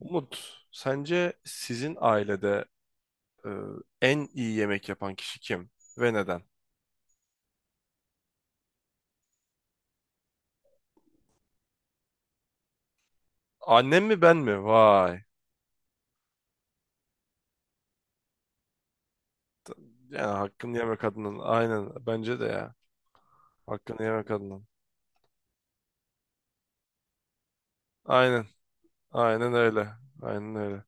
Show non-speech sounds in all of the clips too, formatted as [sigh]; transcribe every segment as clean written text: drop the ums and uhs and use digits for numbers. Umut, sence sizin ailede e, en iyi yemek yapan kişi kim ve neden? Annem mi ben mi? Vay. Yani hakkını yemek kadının. Aynen. Bence de ya. Hakkını yemek kadının. Aynen. Aynen öyle. Aynen öyle.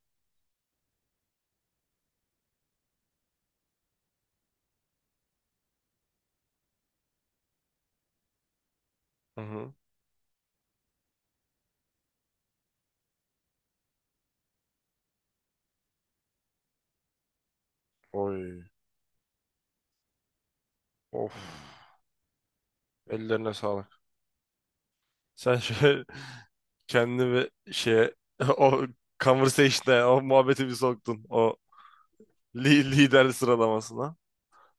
Hı hı. Oy. Of. Ellerine sağlık. Sen şöyle [laughs] kendini bir şeye [laughs] o conversation'a o muhabbeti bir soktun. O lider sıralamasına.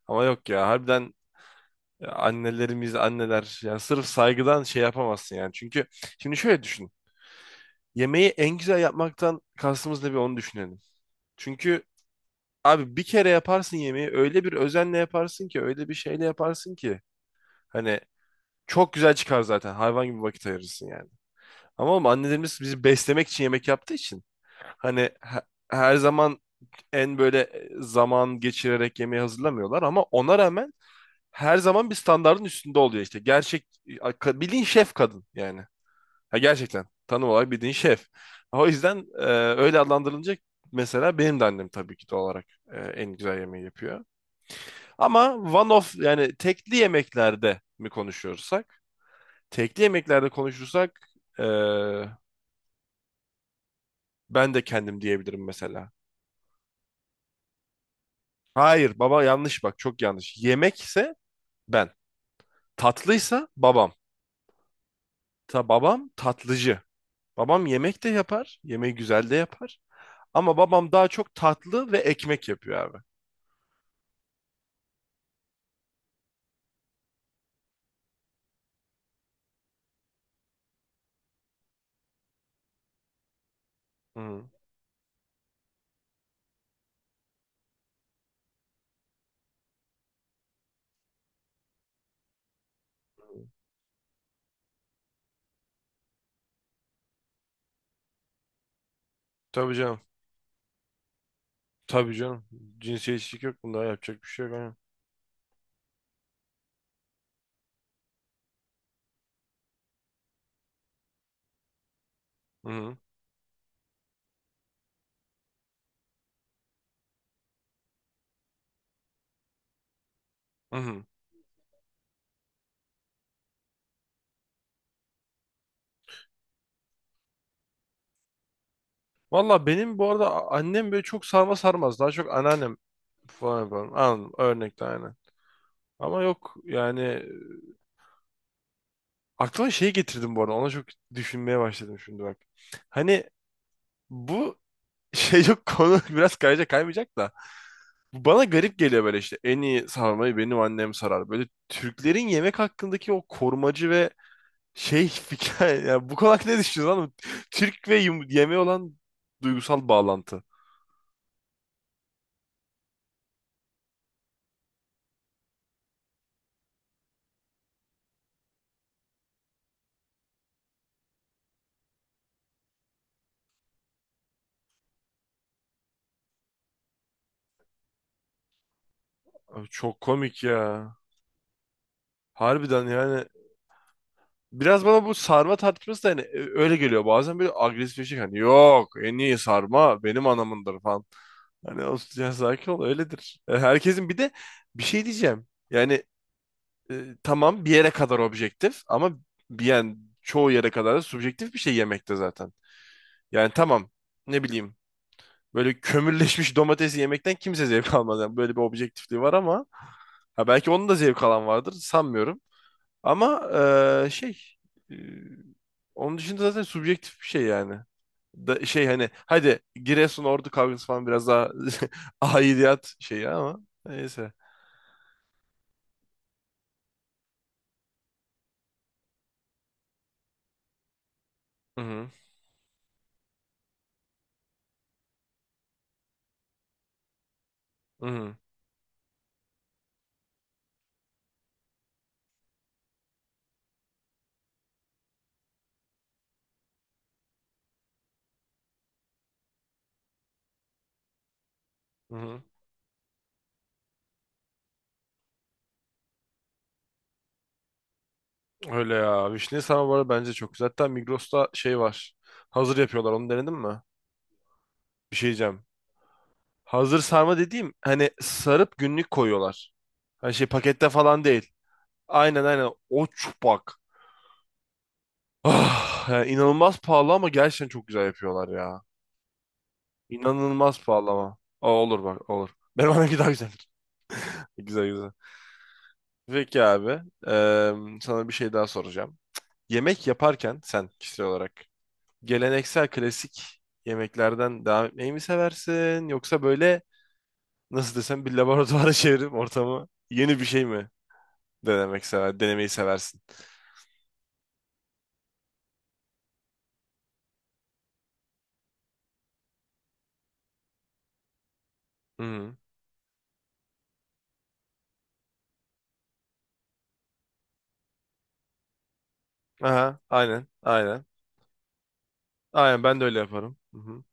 Ama yok ya. Harbiden ya. Annelerimiz, anneler. Yani sırf saygıdan şey yapamazsın yani. Çünkü şimdi şöyle düşün. Yemeği en güzel yapmaktan kastımız ne, bir onu düşünelim. Çünkü abi bir kere yaparsın yemeği, öyle bir özenle yaparsın ki, öyle bir şeyle yaparsın ki hani çok güzel çıkar zaten, hayvan gibi vakit ayırırsın yani. Ama oğlum annelerimiz bizi beslemek için yemek yaptığı için hani her zaman en böyle zaman geçirerek yemeği hazırlamıyorlar, ama ona rağmen her zaman bir standardın üstünde oluyor işte. Gerçek bildiğin şef kadın yani. Ha, gerçekten tanım olarak bildiğin şef. O yüzden öyle adlandırılınca mesela benim de annem tabii ki doğal olarak en güzel yemeği yapıyor. Ama one of, yani tekli yemeklerde mi konuşuyorsak? Tekli yemeklerde konuşursak e, ben de kendim diyebilirim mesela. Hayır, baba yanlış, bak çok yanlış. Yemekse ben. Tatlıysa babam. Ta babam tatlıcı. Babam yemek de yapar. Yemeği güzel de yapar. Ama babam daha çok tatlı ve ekmek yapıyor abi. Hı. Tabii canım. Tabii canım. Cinsiyetçilik yok bunda. Yapacak bir şey yok. Aynen. Hı hı. Hı. Valla benim bu arada annem böyle çok sarma sarmaz. Daha çok anneannem falan yapar. Anladım. Örnekte aynen. Ama yok yani. Aklıma şey getirdim bu arada. Ona çok düşünmeye başladım şimdi, bak. Hani bu şey yok [laughs] konu biraz kayacak kaymayacak da. Bu bana garip geliyor böyle işte. En iyi sarmayı benim annem sarar. Böyle Türklerin yemek hakkındaki o korumacı ve şey fikir. [laughs] Ya bu konu hakkında ne düşünüyorsun oğlum? Türk ve yemeğe olan duygusal bağlantı. Abi çok komik ya. Harbiden yani. Biraz bana bu sarma tartışması da hani öyle geliyor. Bazen böyle agresifleşik, hani yok en iyi sarma benim anamındır falan. Hani o, ya sakin ol öyledir. E, herkesin bir de bir şey diyeceğim. Yani tamam bir yere kadar objektif ama bir, yani çoğu yere kadar da subjektif bir şey yemekte zaten. Yani tamam, ne bileyim böyle kömürleşmiş domatesi yemekten kimse zevk [laughs] almaz. Yani böyle bir objektifliği var ama ha, belki onun da zevk alan vardır, sanmıyorum. Ama eee, onun dışında zaten subjektif bir şey yani. Da, şey hani hadi Giresun Ordu kavgası falan biraz daha [laughs] aidiyat şeyi ama neyse. Hı hı. Hı hı. Hı hı. Öyle ya. Vişne samovarı bence çok güzel. Hatta Migros'ta şey var. Hazır yapıyorlar. Onu denedin mi? Bir şey diyeceğim. Hazır sarma dediğim hani sarıp günlük koyuyorlar. Hani şey pakette falan değil. Aynen aynen. O çupak. Ah, yani inanılmaz pahalı ama gerçekten çok güzel yapıyorlar ya. İnanılmaz pahalı ama. Aa, olur bak olur. [laughs] Benim annemki daha güzel. [laughs] Güzel güzel. Peki abi. Eee, sana bir şey daha soracağım. Yemek yaparken sen kişisel olarak geleneksel klasik yemeklerden devam etmeyi mi seversin? Yoksa böyle, nasıl desem, bir laboratuvara [laughs] çevirip ortamı yeni bir şey mi denemeyi seversin? Hı hı. Aha, aynen aynen. Aynen ben de öyle yaparım. Hı hı.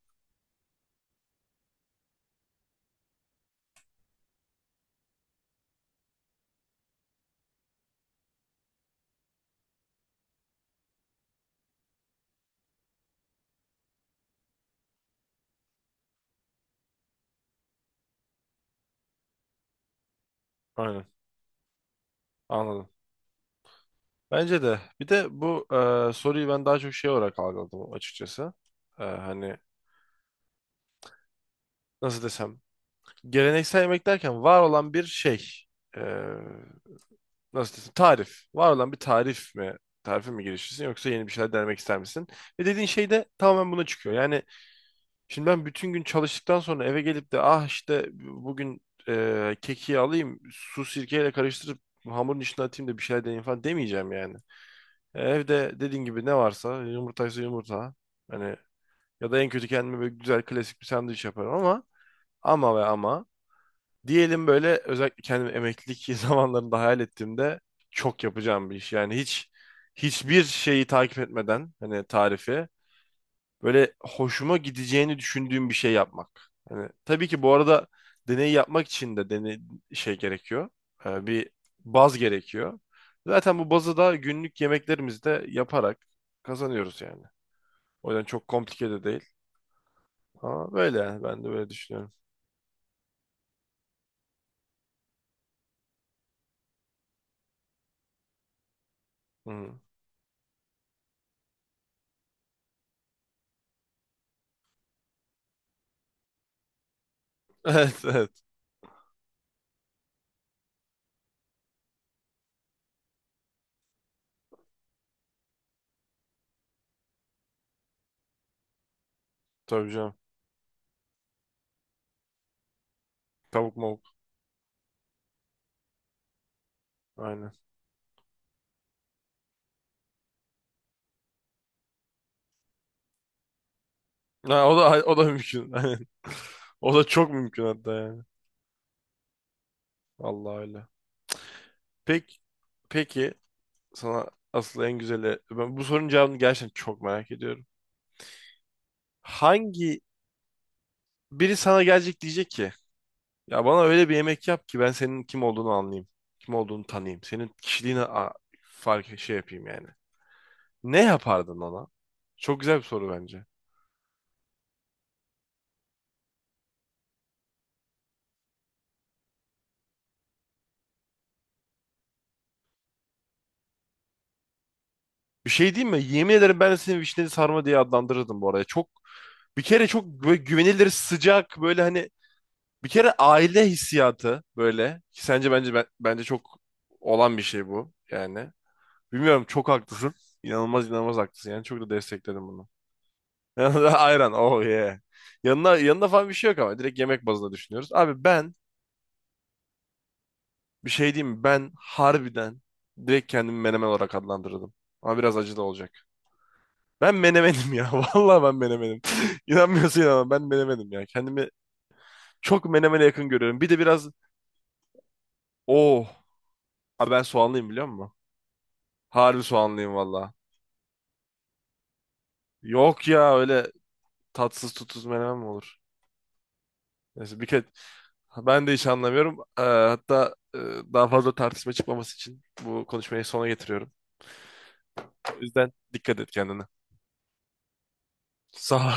Aynen, anladım. Bence de. Bir de bu soruyu ben daha çok şey olarak algıladım açıkçası. E, hani nasıl desem. Geleneksel yemek derken var olan bir şey. E, nasıl desem. Tarif. Var olan bir tarif mi? Tarife mi girişirsin, yoksa yeni bir şeyler denemek ister misin? Ve dediğin şey de tamamen buna çıkıyor. Yani şimdi ben bütün gün çalıştıktan sonra eve gelip de ah işte bugün keki alayım, su sirkeyle karıştırıp hamurun içine atayım da bir şeyler deneyeyim falan demeyeceğim yani. E, evde dediğin gibi ne varsa, yumurtaysa yumurta. Hani ya da en kötü kendime böyle güzel klasik bir sandviç yaparım, ama ama ve ama diyelim böyle, özellikle kendimi emeklilik [laughs] zamanlarında hayal ettiğimde çok yapacağım bir iş. Yani hiçbir şeyi takip etmeden hani tarifi, böyle hoşuma gideceğini düşündüğüm bir şey yapmak. Hani tabii ki bu arada deneyi yapmak için de deney şey gerekiyor. Bir baz gerekiyor. Zaten bu bazı da günlük yemeklerimizde yaparak kazanıyoruz yani. O yüzden çok komplike de değil. Ama böyle yani ben de böyle düşünüyorum. Hı. [laughs] Evet evet. Tabii canım. Tavuk mavuk. Aynen. Ha, o da [laughs] o da mümkün. [laughs] Aynen. O da çok mümkün hatta yani. Vallahi öyle. Peki, peki, sana asıl en güzeli. Ben bu sorunun cevabını gerçekten çok merak ediyorum. Hangi biri sana gelecek diyecek ki ya bana öyle bir yemek yap ki ben senin kim olduğunu anlayayım. Kim olduğunu tanıyayım. Senin kişiliğini fark şey yapayım yani. Ne yapardın ona? Çok güzel bir soru bence. Bir şey diyeyim mi? Yemin ederim ben de seni vişneli sarma diye adlandırırdım bu arada. Çok, bir kere çok böyle güvenilir, sıcak, böyle hani bir kere aile hissiyatı böyle ki sence bence ben, bence çok olan bir şey bu yani. Bilmiyorum, çok haklısın. İnanılmaz inanılmaz haklısın. Yani çok da destekledim bunu. [laughs] Ayran. Oh yeah. Yanına, yanında falan bir şey yok ama. Direkt yemek bazında düşünüyoruz. Abi ben bir şey diyeyim mi? Ben harbiden direkt kendimi menemen olarak adlandırdım. Ama biraz acı da olacak. Ben menemenim ya. [laughs] Vallahi ben menemenim. [laughs] İnanmıyorsun ama ben menemenim ya. Kendimi çok menemene yakın görüyorum. Bir de biraz... Oh. Abi ben soğanlıyım biliyor musun? Harbi soğanlıyım valla. Yok ya, öyle tatsız tutsuz menemen mi olur? Neyse, bir kere ben de hiç anlamıyorum. Hatta daha fazla tartışma çıkmaması için bu konuşmayı sona getiriyorum. O yüzden dikkat et kendine. Sağ ol.